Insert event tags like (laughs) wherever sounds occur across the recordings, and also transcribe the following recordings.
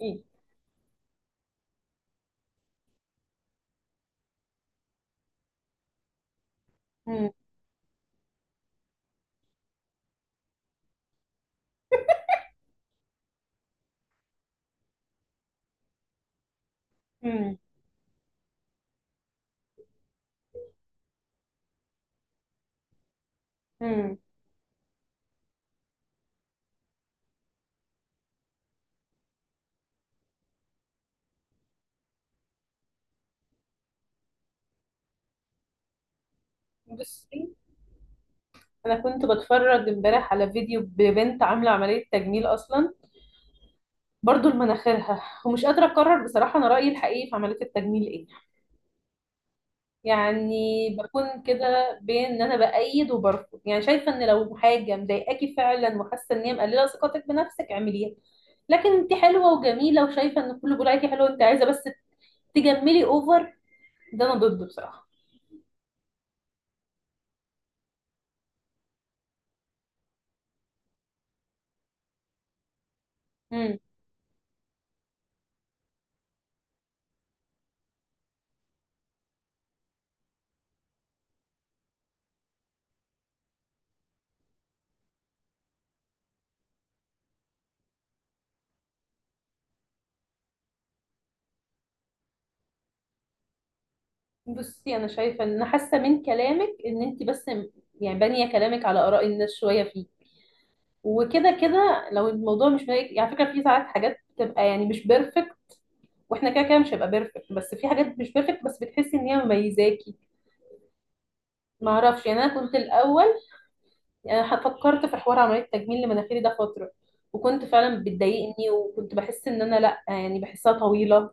ايه. مم. مم. مم. بصي، انا كنت بتفرج امبارح على فيديو ببنت عامله عمليه تجميل اصلا، برضو لمناخيرها، ومش قادره اقرر بصراحه انا رايي الحقيقي في عمليه التجميل ايه. يعني بكون كده بين ان انا بايد وبرفض، يعني شايفه ان لو حاجه مضايقاكي فعلا وحاسه ان هي مقلله ثقتك بنفسك اعمليها. لكن انت حلوه وجميله، وشايفه ان كله بيقول عليكي حلوه، انت عايزه بس تجملي اوفر، ده انا ضده بصراحه. بصي، انا شايفه ان حاسه من كلامك ان انت بس يعني بانيه كلامك على اراء الناس شويه فيه. وكده كده لو الموضوع مش مضايقك، يعني على فكره في ساعات حاجات بتبقى يعني مش بيرفكت، واحنا كده كده مش هيبقى بيرفكت، بس في حاجات مش بيرفكت بس بتحسي ان هي مميزاكي. ما اعرفش، يعني انا كنت الاول، يعني أنا فكرت في حوار عمليه تجميل لمناخيري ده فتره، وكنت فعلا بتضايقني وكنت بحس ان انا لا يعني بحسها طويله.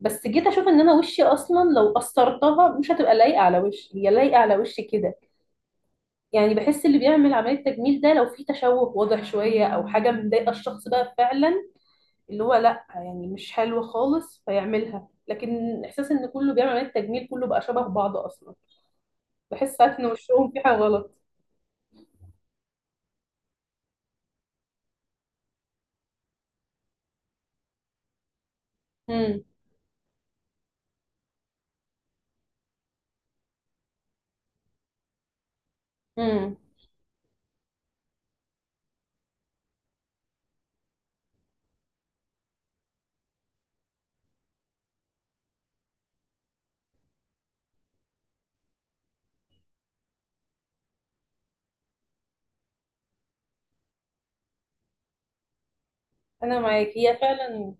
بس جيت اشوف ان انا وشي اصلا لو قصرتها مش هتبقى لايقه على وشي، هي لايقه على وشي كده. يعني بحس اللي بيعمل عملية تجميل ده لو في تشوه واضح شوية أو حاجة مضايقة الشخص بقى فعلا، اللي هو لأ يعني مش حلوة خالص فيعملها. لكن إحساس إن كله بيعمل عملية تجميل كله بقى شبه بعض أصلا، بحس ساعات إن وشهم في حاجة غلط. امم. امم. أنا معاك، هي فعلا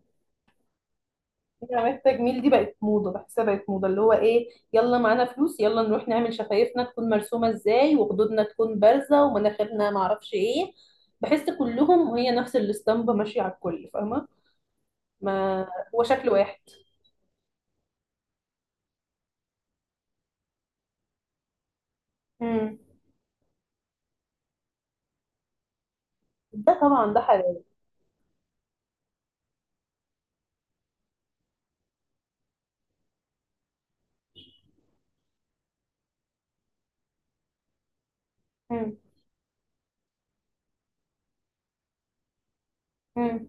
عملية التجميل دي بقت موضة، بحسها بقت موضة اللي هو إيه يلا معانا فلوس، يلا نروح نعمل شفايفنا تكون مرسومة إزاي وخدودنا تكون بارزة ومناخيرنا معرفش إيه. بحس كلهم هي نفس الاسطمبة ماشية على الكل، فاهمة؟ ما هو شكل واحد. امم. ده طبعا ده حلال. امم. امم.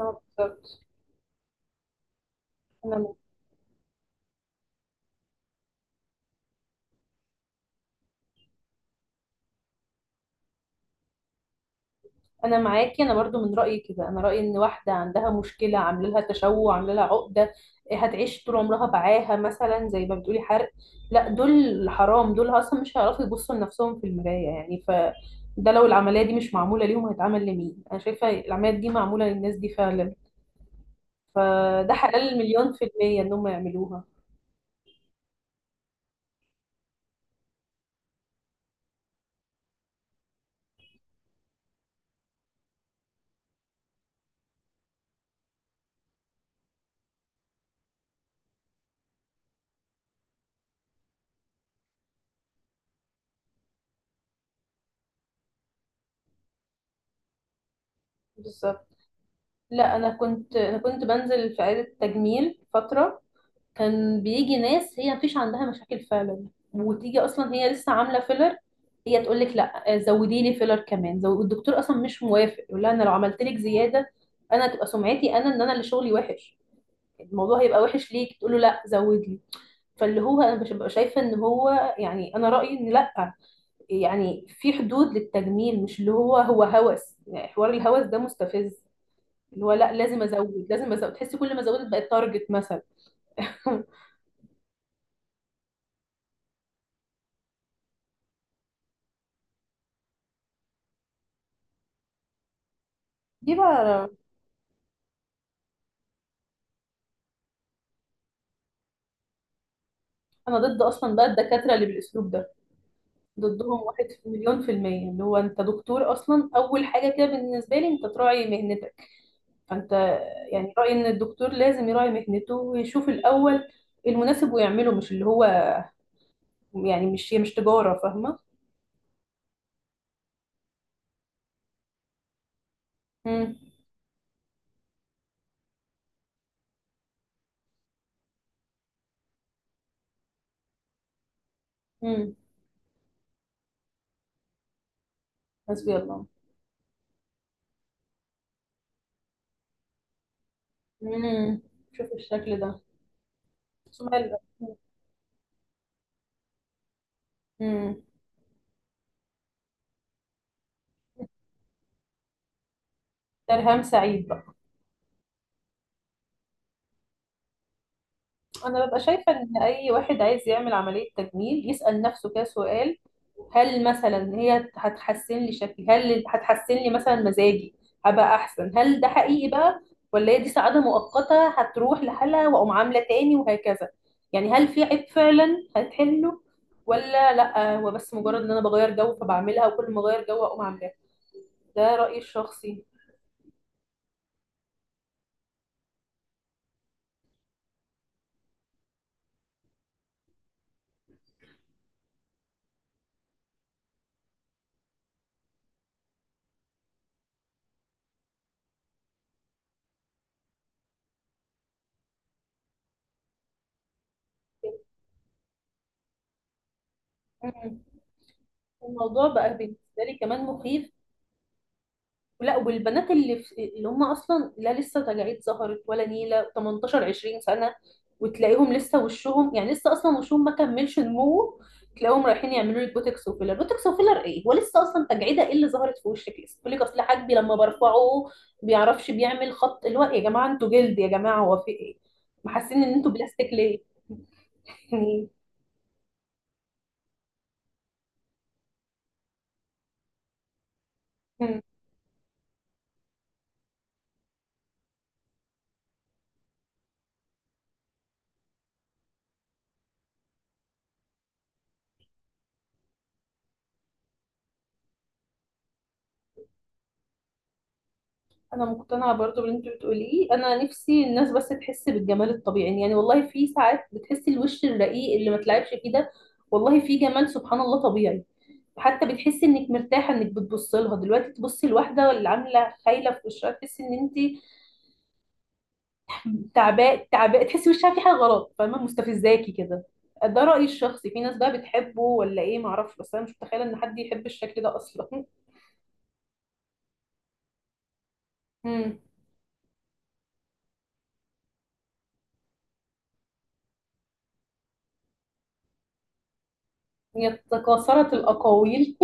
اه بالظبط. انا انا معاكي، انا برضو من رايي كده. انا رايي ان واحده عندها مشكله عامله لها تشوه عامله لها عقده، إيه، هتعيش طول عمرها بعاها مثلا زي ما بتقولي حرق، لا دول حرام، دول اصلا مش هيعرفوا يبصوا لنفسهم في المرايه يعني ده لو العمليه دي مش معموله ليهم هيتعمل لمين؟ انا شايفه العمليات دي معموله للناس دي فعلا، فده حلال مليون في الميه انهم يعملوها. بالظبط. لا انا كنت بنزل في عياده تجميل فتره، كان بيجي ناس هي مفيش عندها مشاكل فعلا، وتيجي اصلا هي لسه عامله فيلر، هي تقول لك لا آه، زودي لي فيلر كمان والدكتور اصلا مش موافق، يقول لها انا لو عملت لك زياده انا تبقى سمعتي انا ان انا اللي شغلي وحش، الموضوع هيبقى وحش ليك. تقول له لا، زود لي. فاللي هو انا مش ببقى شايفه ان هو، يعني انا رايي ان لا، يعني في حدود للتجميل، مش اللي هو هو هوس، يعني حوار الهوس ده مستفز، اللي هو لا لازم ازود، لازم ازود، تحسي كل ما زودت بقت تارجت مثلا. (laughs) دي بقى، انا ضد اصلا بقى الدكاتره اللي بالاسلوب ده، ضدهم واحد في مليون في المية. اللي هو انت دكتور اصلا، اول حاجة كده بالنسبة لي انت تراعي مهنتك، فانت يعني رأيي ان الدكتور لازم يراعي مهنته ويشوف الاول المناسب ويعمله، مش اللي هو يعني، مش هي مش تجارة، فاهمة؟ امم. امم. حسبي الله. امم. شوف الشكل ده. سؤال. امم. ترهام سعيد بقى. انا ببقى شايفه ان اي واحد عايز يعمل عمليه تجميل يسال نفسه كده سؤال: هل مثلا هي هتحسن لي شكلي؟ هل هتحسن لي مثلا مزاجي، هبقى احسن؟ هل ده حقيقي بقى ولا هي دي سعاده مؤقته هتروح لحالها واقوم عامله تاني وهكذا؟ يعني هل في عيب فعلا هتحله، ولا لا هو بس مجرد ان انا بغير جو فبعملها وكل ما اغير جو اقوم عاملاها؟ ده رايي الشخصي. مم. الموضوع بقى بالنسبه لي كمان مخيف. لا والبنات اللي في اللي هم اصلا لا لسه تجاعيد ظهرت ولا نيله 18 20 سنه، وتلاقيهم لسه وشهم يعني لسه اصلا وشهم ما كملش نموه، تلاقيهم رايحين يعملوا لك بوتوكس وفيلر، بوتوكس وفيلر ايه، ولسه اصلا تجعيده ايه اللي ظهرت في وشك؟ لسه يقول لك اصل حاجبي لما برفعه بيعرفش بيعمل خط، اللي هو إيه يا جماعه، انتوا جلد يا جماعه هو في ايه، محسين ان انتوا بلاستيك ليه؟ (laughs) انا مقتنعه برضو باللي انت بتقوليه، انا نفسي الناس بس تحس بالجمال الطبيعي، يعني والله في ساعات بتحسي الوش الرقيق اللي ما تلعبش فيه ده، والله في جمال سبحان الله طبيعي. حتى بتحسي انك مرتاحه انك بتبص لها، دلوقتي تبصي لواحده اللي عامله خايله في وشها تحسي ان انت تعباء، تعباء، تحسي وشها في حاجه غلط، فاهمه؟ مستفزاكي كده. ده رايي الشخصي، في ناس بقى بتحبه ولا ايه معرفش، بس انا مش متخيله ان حد يحب الشكل ده اصلا. (laughs) امم. يتكاثرت الاقاويل.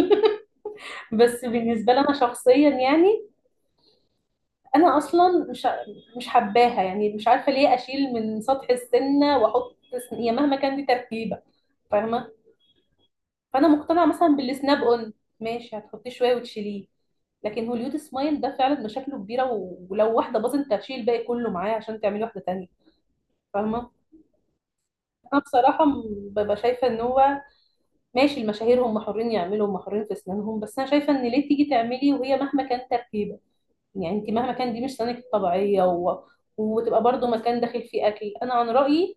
(laughs) بس بالنسبه لي انا شخصيا يعني انا اصلا مش حباها، يعني مش عارفه ليه اشيل من سطح السنه واحط هي مهما كان دي تركيبه، فاهمه؟ فانا مقتنعه مثلا بالسناب اون، ماشي، هتحطيه شويه وتشيليه. لكن هوليود سمايل ده فعلا مشاكله كبيره، ولو واحده باظت انت هتشيل الباقي كله معاه عشان تعملي واحده تانية، فاهمه؟ انا بصراحه ببقى شايفه ان هو، ماشي، المشاهير هم حرين يعملوا، هم حرين في اسنانهم، بس انا شايفه ان ليه تيجي تعملي وهي مهما كان تركيبه، يعني انت مهما كان دي مش سنانك الطبيعيه وتبقى برضو مكان داخل فيه اكل. انا عن رايي،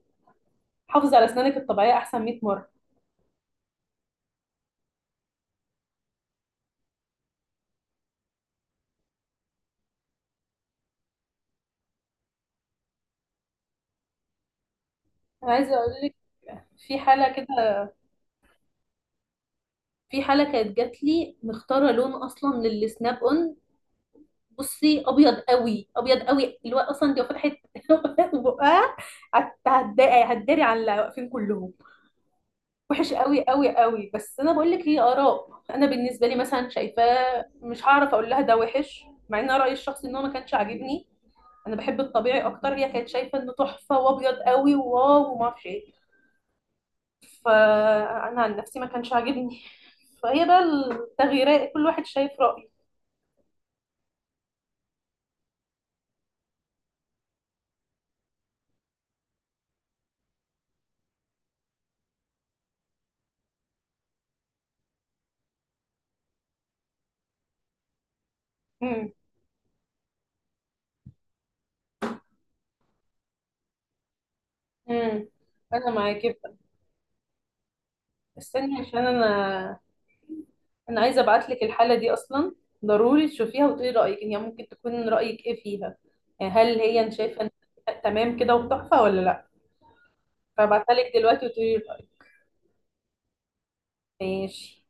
حافظي على اسنانك الطبيعيه احسن 100 مره. انا عايزه اقول لك، في حاله كده، في حاله كانت جات لي مختاره لون اصلا للسناب اون، بصي ابيض قوي، ابيض قوي اللي هو اصلا دي لو فتحت (laughs) لو فتحت بقها، هتداري على اللي واقفين كلهم، وحش قوي قوي قوي. بس انا بقول لك هي اراء، انا بالنسبه لي مثلا شايفاه، مش هعرف اقول لها ده وحش، مع ان رايي الشخصي ان هو ما كانش عاجبني، انا بحب الطبيعي اكتر، هي كانت شايفه انه تحفه وابيض قوي وواو وما اعرفش ايه. فانا عن نفسي ما كانش عاجبني، فهي بقى التغييرات كل واحد شايف رايه. امم. امم. انا معاكي بقى. استني عشان انا، انا عايزه ابعت لك الحاله دي اصلا، ضروري تشوفيها وتقولي رايك، يعني ممكن تكون رايك ايه فيها، يعني هل هي أنت شايفه إن تمام كده وتحفه ولا لا؟ فابعتها لك دلوقتي وتقولي رايك. ماشي.